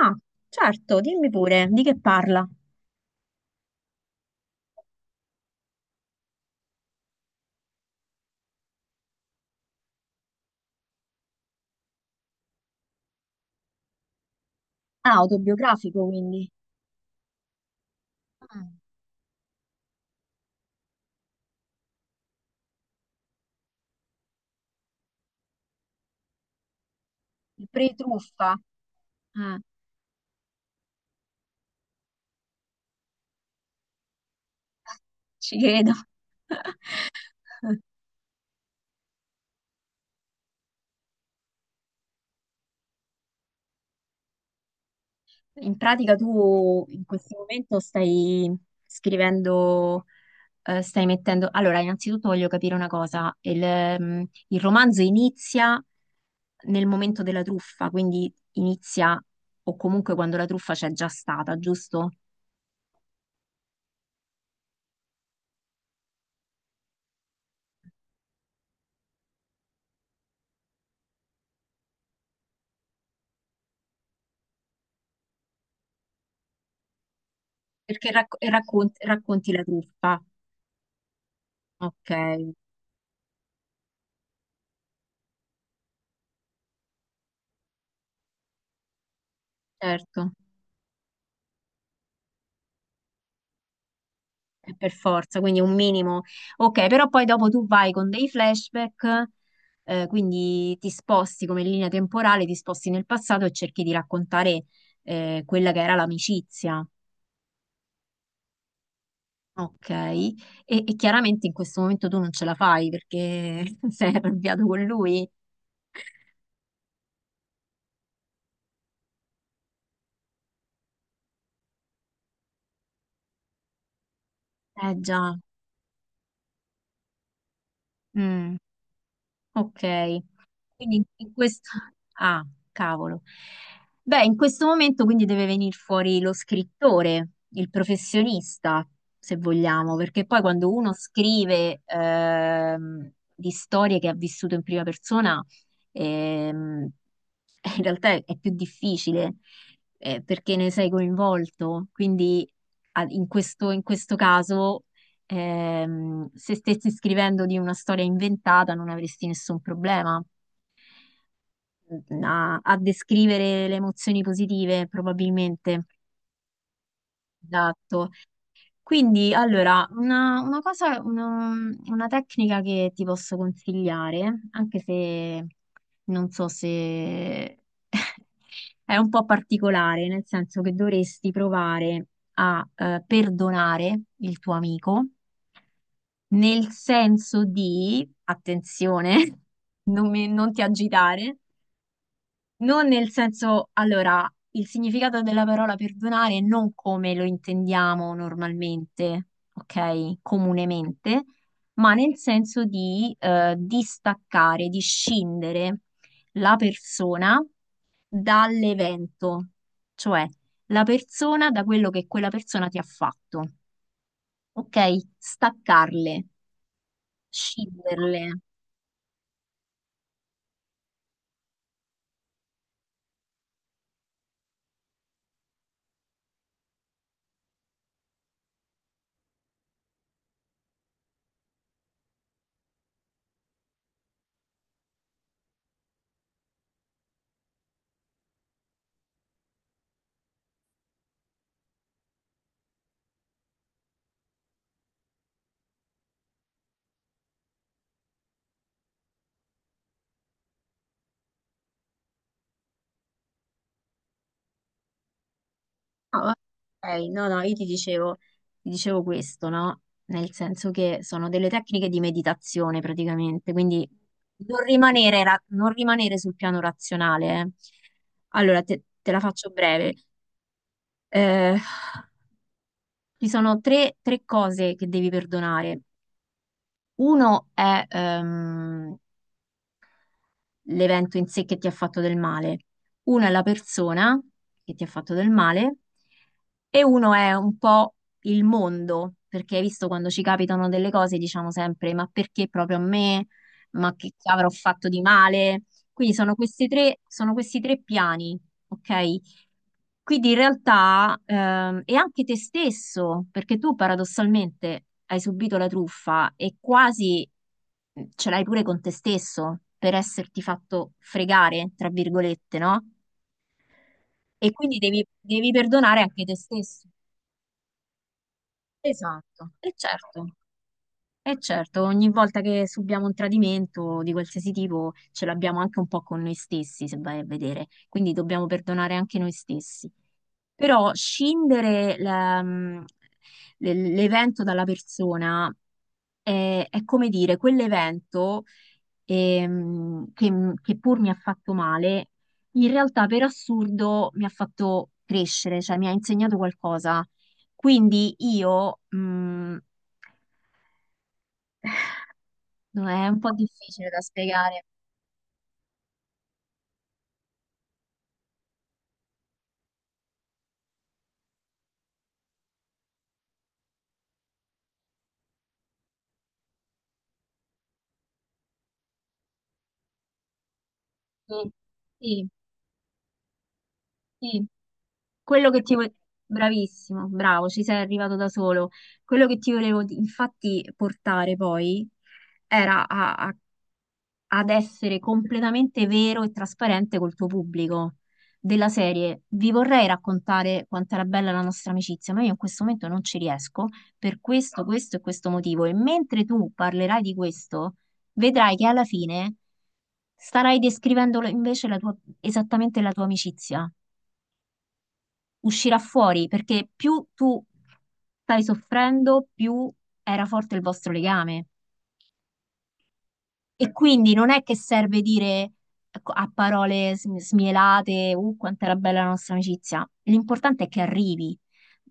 Ah, certo, dimmi pure, di che parla? Ah, autobiografico, quindi. Ah, il pre-truffa. Ah, ci credo. In pratica tu in questo momento stai scrivendo, stai mettendo... Allora, innanzitutto voglio capire una cosa. Il romanzo inizia nel momento della truffa, quindi inizia o comunque quando la truffa c'è già stata, giusto? Perché racconti la truffa. Ok, certo. Per forza, quindi un minimo. Ok, però poi dopo tu vai con dei flashback, quindi ti sposti come linea temporale, ti sposti nel passato e cerchi di raccontare quella che era l'amicizia. Ok, e chiaramente in questo momento tu non ce la fai perché sei arrabbiato con lui. Eh già. Mm, ok. Quindi in questo... Ah, cavolo. Beh, in questo momento quindi deve venire fuori lo scrittore, il professionista, se vogliamo, perché poi quando uno scrive di storie che ha vissuto in prima persona, ehm, in realtà è più difficile perché ne sei coinvolto. Quindi in questo caso, se stessi scrivendo di una storia inventata, non avresti nessun problema a, a descrivere le emozioni positive, probabilmente. Esatto. Quindi, allora, una tecnica che ti posso consigliare, anche se non so se è un po' particolare, nel senso che dovresti provare a perdonare il tuo amico, nel senso di, attenzione, non ti agitare. Non nel senso, allora, il significato della parola perdonare è non come lo intendiamo normalmente, ok? Comunemente, ma nel senso di distaccare, di scindere la persona dall'evento, cioè la persona da quello che quella persona ti ha fatto, ok? Staccarle, scinderle. Ah, ok, no, no, io ti dicevo questo, no? Nel senso che sono delle tecniche di meditazione praticamente, quindi non rimanere, non rimanere sul piano razionale. Allora, te, te la faccio breve. Eh, Ci sono tre cose che devi perdonare. Uno è l'evento in sé che ti ha fatto del male. Uno è la persona che ti ha fatto del male e uno è un po' il mondo, perché hai visto quando ci capitano delle cose diciamo sempre ma perché proprio a me? Ma che avrò fatto di male? Quindi sono questi tre piani, ok? Quindi in realtà è anche te stesso, perché tu paradossalmente hai subito la truffa e quasi ce l'hai pure con te stesso per esserti fatto fregare, tra virgolette, no? E quindi devi, devi perdonare anche te stesso. Esatto, e certo. E certo, ogni volta che subiamo un tradimento di qualsiasi tipo ce l'abbiamo anche un po' con noi stessi, se vai a vedere, quindi dobbiamo perdonare anche noi stessi. Però scindere l'evento dalla persona è come dire, quell'evento che, che pur mi ha fatto male, in realtà per assurdo mi ha fatto crescere, cioè mi ha insegnato qualcosa. Quindi io... mh, No, è un po' difficile da spiegare. Mm. Sì, sì, quello che ti volevo... Bravissimo, bravo, ci sei arrivato da solo. Quello che ti volevo infatti portare poi era a, a ad essere completamente vero e trasparente col tuo pubblico della serie. Vi vorrei raccontare quanto era bella la nostra amicizia, ma io in questo momento non ci riesco per questo, questo e questo motivo. E mentre tu parlerai di questo, vedrai che alla fine starai descrivendo invece la tua, esattamente la tua amicizia. Uscirà fuori perché più tu stai soffrendo, più era forte il vostro legame. E quindi non è che serve dire ecco, a parole smielate, quanto era bella la nostra amicizia. L'importante è che arrivi.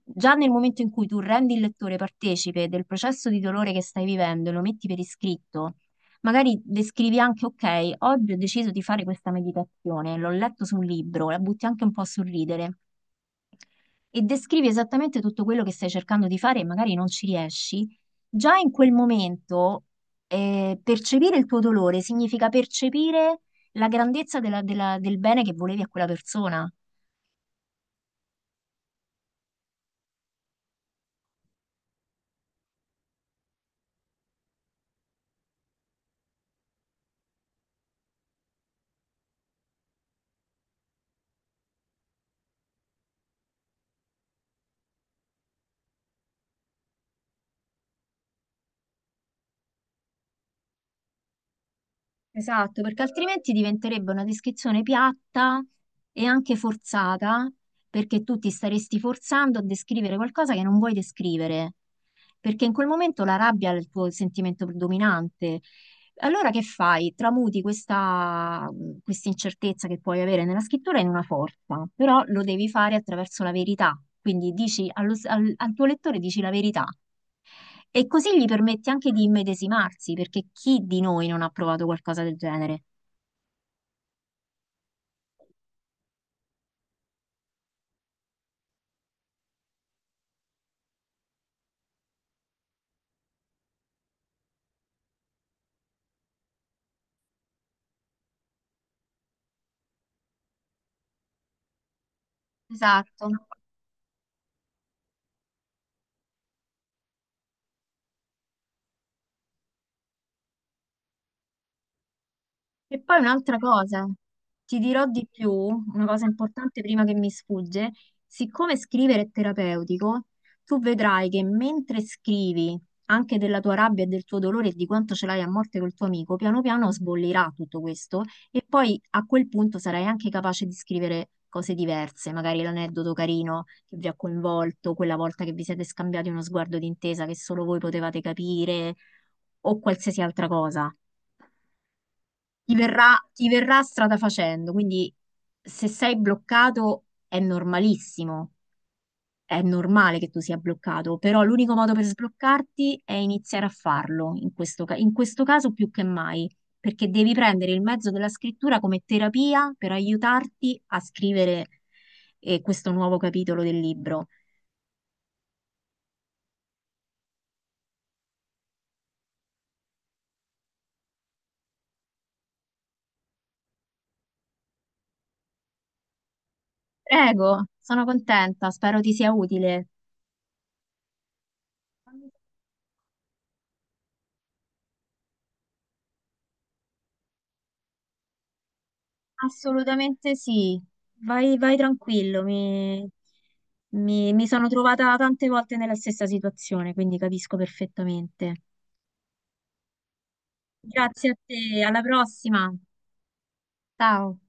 Già nel momento in cui tu rendi il lettore partecipe del processo di dolore che stai vivendo e lo metti per iscritto, magari descrivi anche, ok, oggi ho deciso di fare questa meditazione, l'ho letto su un libro, la butti anche un po' a sorridere e descrivi esattamente tutto quello che stai cercando di fare e magari non ci riesci, già in quel momento percepire il tuo dolore significa percepire la grandezza del bene che volevi a quella persona. Esatto, perché altrimenti diventerebbe una descrizione piatta e anche forzata, perché tu ti staresti forzando a descrivere qualcosa che non vuoi descrivere, perché in quel momento la rabbia è il tuo sentimento predominante. Allora che fai? Tramuti questa incertezza che puoi avere nella scrittura in una forza, però lo devi fare attraverso la verità. Quindi dici al tuo lettore dici la verità. E così gli permette anche di immedesimarsi, perché chi di noi non ha provato qualcosa del genere? Esatto. E poi un'altra cosa, ti dirò di più, una cosa importante prima che mi sfugge, siccome scrivere è terapeutico, tu vedrai che mentre scrivi anche della tua rabbia e del tuo dolore e di quanto ce l'hai a morte col tuo amico, piano piano sbollirà tutto questo e poi a quel punto sarai anche capace di scrivere cose diverse, magari l'aneddoto carino che vi ha coinvolto, quella volta che vi siete scambiati uno sguardo d'intesa che solo voi potevate capire o qualsiasi altra cosa. Ti verrà, ti verrà strada facendo, quindi se sei bloccato è normalissimo, è normale che tu sia bloccato, però l'unico modo per sbloccarti è iniziare a farlo, in questo, in questo caso più che mai, perché devi prendere il mezzo della scrittura come terapia per aiutarti a scrivere questo nuovo capitolo del libro. Prego, sono contenta, spero ti sia utile. Assolutamente sì, vai, vai tranquillo, mi sono trovata tante volte nella stessa situazione, quindi capisco perfettamente. Grazie a te, alla prossima. Ciao.